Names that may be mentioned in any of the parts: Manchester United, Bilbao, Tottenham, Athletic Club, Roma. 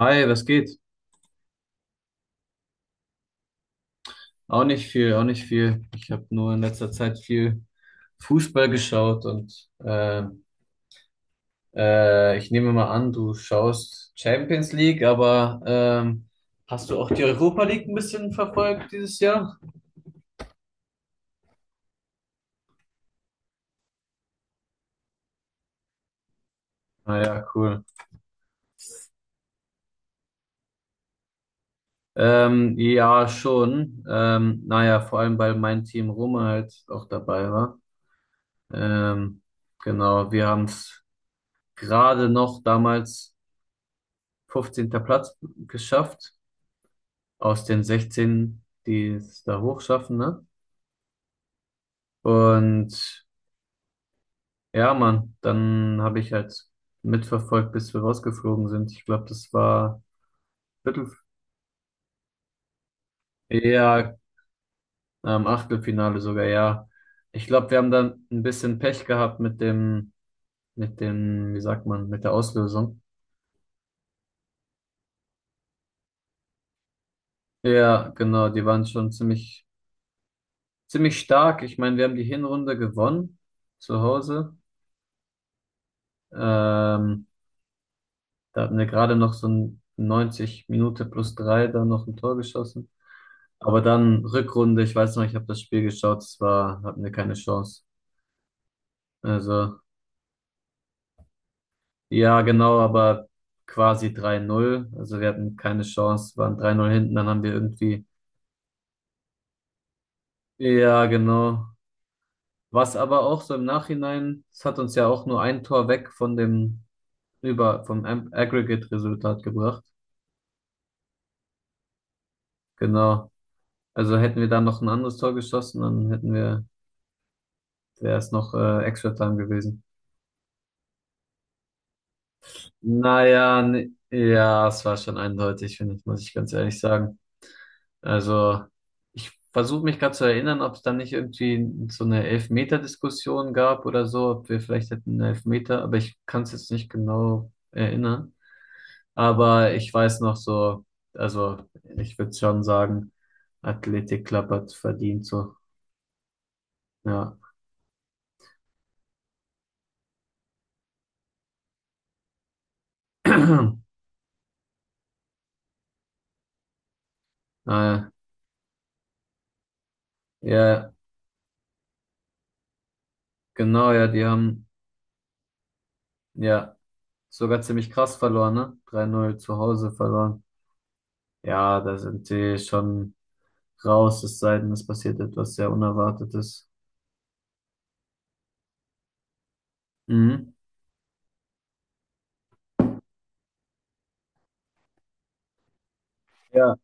Hi, was geht? Auch nicht viel, auch nicht viel. Ich habe nur in letzter Zeit viel Fußball geschaut und ich nehme mal an, du schaust Champions League, aber hast du auch die Europa League ein bisschen verfolgt dieses Jahr? Naja, cool. Ja, schon. Naja, vor allem, weil mein Team Roma halt auch dabei war. Ähm, genau, wir haben es gerade noch damals 15. Platz geschafft, aus den 16, die es da hochschaffen, ne? Und ja, Mann, dann habe ich halt mitverfolgt, bis wir rausgeflogen sind. Ich glaube, das war Viertel, ja, Achtelfinale sogar, ja. Ich glaube, wir haben dann ein bisschen Pech gehabt mit dem, wie sagt man, mit der Auslösung. Ja, genau, die waren schon ziemlich, ziemlich stark. Ich meine, wir haben die Hinrunde gewonnen zu Hause. Ähm, Da hatten wir gerade noch so ein 90 Minute plus drei, dann noch ein Tor geschossen. Aber dann Rückrunde, ich weiß noch, ich habe das Spiel geschaut, es war, hatten wir keine Chance. Also, ja, genau, aber quasi 3-0. Also wir hatten keine Chance, waren 3-0 hinten, dann haben wir irgendwie, ja, genau. Was aber auch so im Nachhinein, es hat uns ja auch nur ein Tor weg von dem, über, vom Aggregate-Resultat gebracht. Genau. Also hätten wir da noch ein anderes Tor geschossen, dann hätten wir der ist noch Extra Time gewesen. Naja, ne, ja, es war schon eindeutig, finde ich, muss ich ganz ehrlich sagen. Also, ich versuche mich gerade zu erinnern, ob es dann nicht irgendwie so eine Elfmeter-Diskussion gab oder so, ob wir vielleicht hätten einen Elfmeter, aber ich kann es jetzt nicht genau erinnern. Aber ich weiß noch so, also ich würde schon sagen, Athletic Club hat verdient so, ja. Äh, ja, genau, ja, die haben, ja. Sogar ziemlich krass verloren, ne? 3-0 zu Hause verloren. Ja, da sind sie schon raus, es sei denn, es passiert etwas sehr Unerwartetes. Mhm. Ja,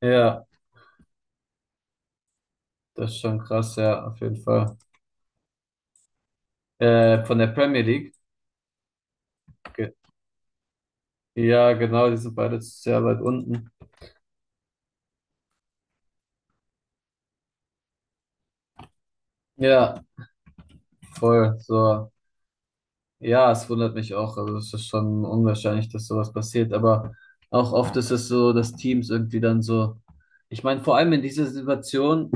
ja, das ist schon krass, ja, auf jeden Fall. Von der Premier League. Ge Ja, genau, die sind beide sehr weit unten. Ja, voll, so. Ja, es wundert mich auch. Also es ist schon unwahrscheinlich, dass sowas passiert. Aber auch oft ist es so, dass Teams irgendwie dann so. Ich meine, vor allem in dieser Situation,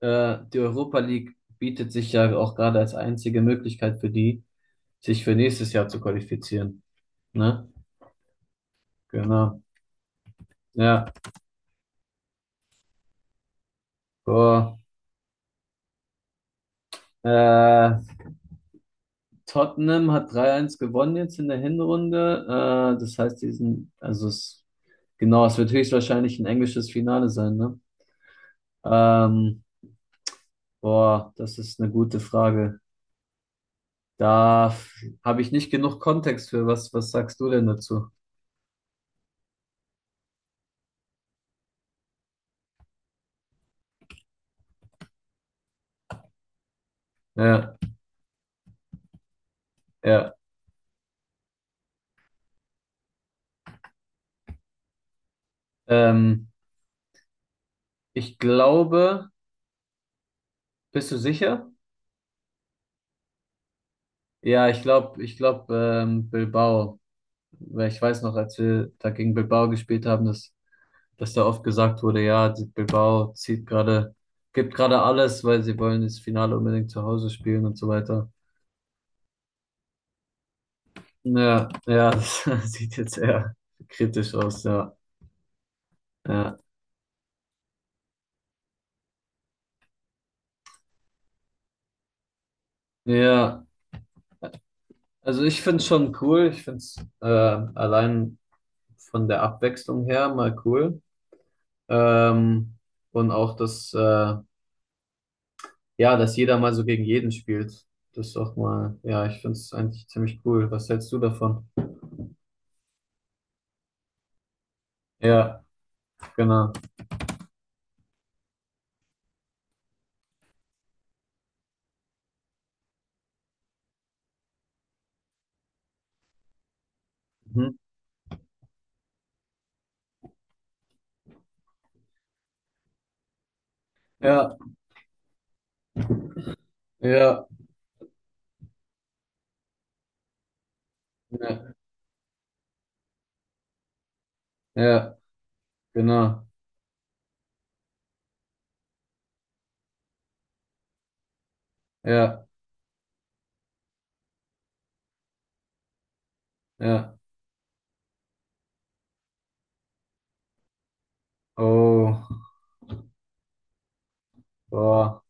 die Europa League bietet sich ja auch gerade als einzige Möglichkeit für die, sich für nächstes Jahr zu qualifizieren. Ne? Genau. Ja. Boah. Äh, Tottenham hat 3:1 gewonnen jetzt in der Hinrunde. Das heißt, die sind, also es, genau, es wird höchstwahrscheinlich ein englisches Finale sein, ne? Ähm, Boah, das ist eine gute Frage. Da habe ich nicht genug Kontext für. Was sagst du denn dazu? Ja, ja. Ähm, Ich glaube, bist du sicher? Ja, ich glaube, Bilbao. Weil ich weiß noch, als wir da gegen Bilbao gespielt haben, dass da oft gesagt wurde, ja, die Bilbao zieht gerade, gibt gerade alles, weil sie wollen das Finale unbedingt zu Hause spielen und so weiter. Ja, ja, das sieht jetzt eher kritisch aus, ja. Ja, ja. Also ich finde es schon cool. Ich finde es allein von der Abwechslung her mal cool. Ähm, und auch, dass jeder mal so gegen jeden spielt. Das ist auch mal, ja, ich finde es eigentlich ziemlich cool. Was hältst du davon? Ja, genau. Mhm. Ja, ja, ja, ja, genau. Ja, ja. Oh, boah.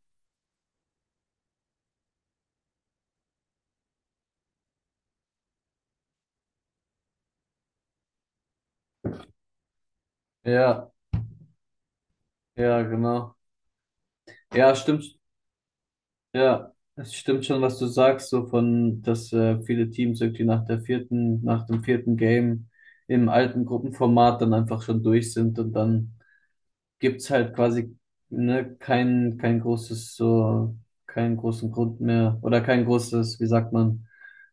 Ja, ja, genau. Ja, stimmt. Ja, es stimmt schon, was du sagst, so von, dass viele Teams irgendwie nach der vierten, nach dem vierten Game im alten Gruppenformat dann einfach schon durch sind und dann gibt's halt quasi ne, kein großes, so, keinen großen Grund mehr oder kein großes, wie sagt man,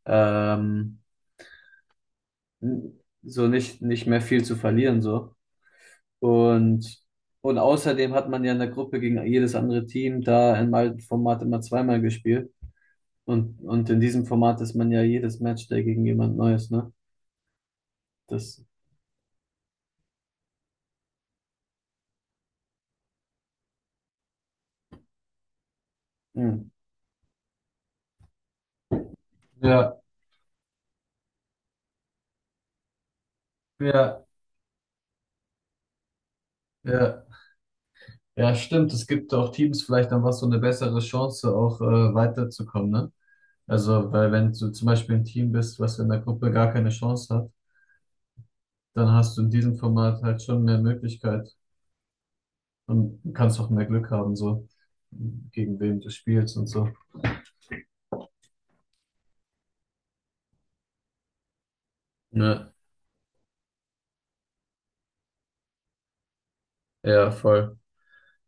ähm, so nicht, nicht mehr viel zu verlieren, so. Und, und außerdem hat man ja in der Gruppe gegen jedes andere Team da im alten Format immer zweimal gespielt. Und in diesem Format ist man ja jedes Matchday gegen jemand Neues, ne? Das, hm. Ja, ja, ja. Ja, stimmt. Es gibt auch Teams vielleicht dann was so eine bessere Chance, auch weiterzukommen, ne? Also, weil wenn du zum Beispiel ein Team bist, was in der Gruppe gar keine Chance hat, dann hast du in diesem Format halt schon mehr Möglichkeit und kannst auch mehr Glück haben, so gegen wem du spielst und so. Ja, ja, voll.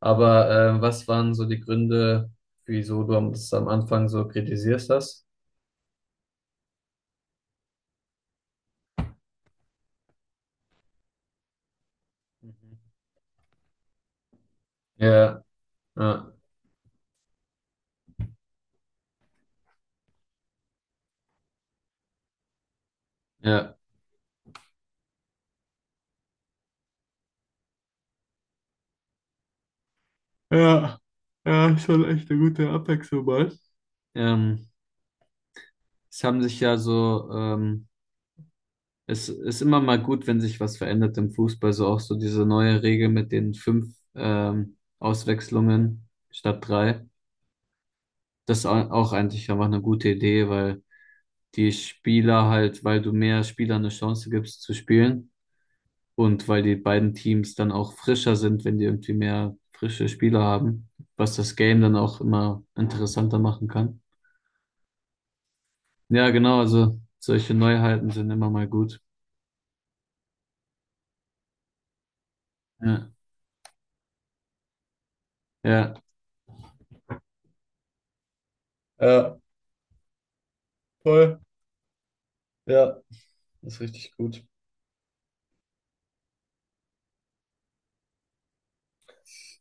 Aber was waren so die Gründe, wieso du das am Anfang so kritisierst hast? Mhm. Ja, ja, ja. Ja, ja, schon echt eine gute Abwechslung mal. Ähm, Es haben sich ja so, es ist immer mal gut, wenn sich was verändert im Fußball, so auch so diese neue Regel mit den fünf Auswechslungen statt drei. Das ist auch eigentlich einfach eine gute Idee, weil die Spieler halt, weil du mehr Spielern eine Chance gibst zu spielen. Und weil die beiden Teams dann auch frischer sind, wenn die irgendwie mehr frische Spieler haben, was das Game dann auch immer interessanter machen kann. Ja, genau, also solche Neuheiten sind immer mal gut. Ja, ja, ja, voll. Ja, ist richtig gut.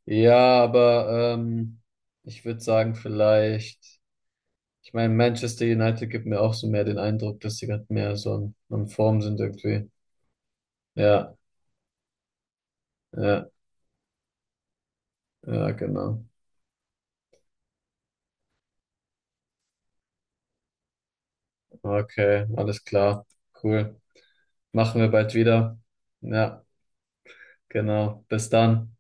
Ja, aber ich würde sagen, vielleicht, ich meine, Manchester United gibt mir auch so mehr den Eindruck, dass sie gerade mehr so in Form sind irgendwie. Ja, ja, ja, genau. Okay, alles klar. Cool. Machen wir bald wieder. Ja, genau. Bis dann.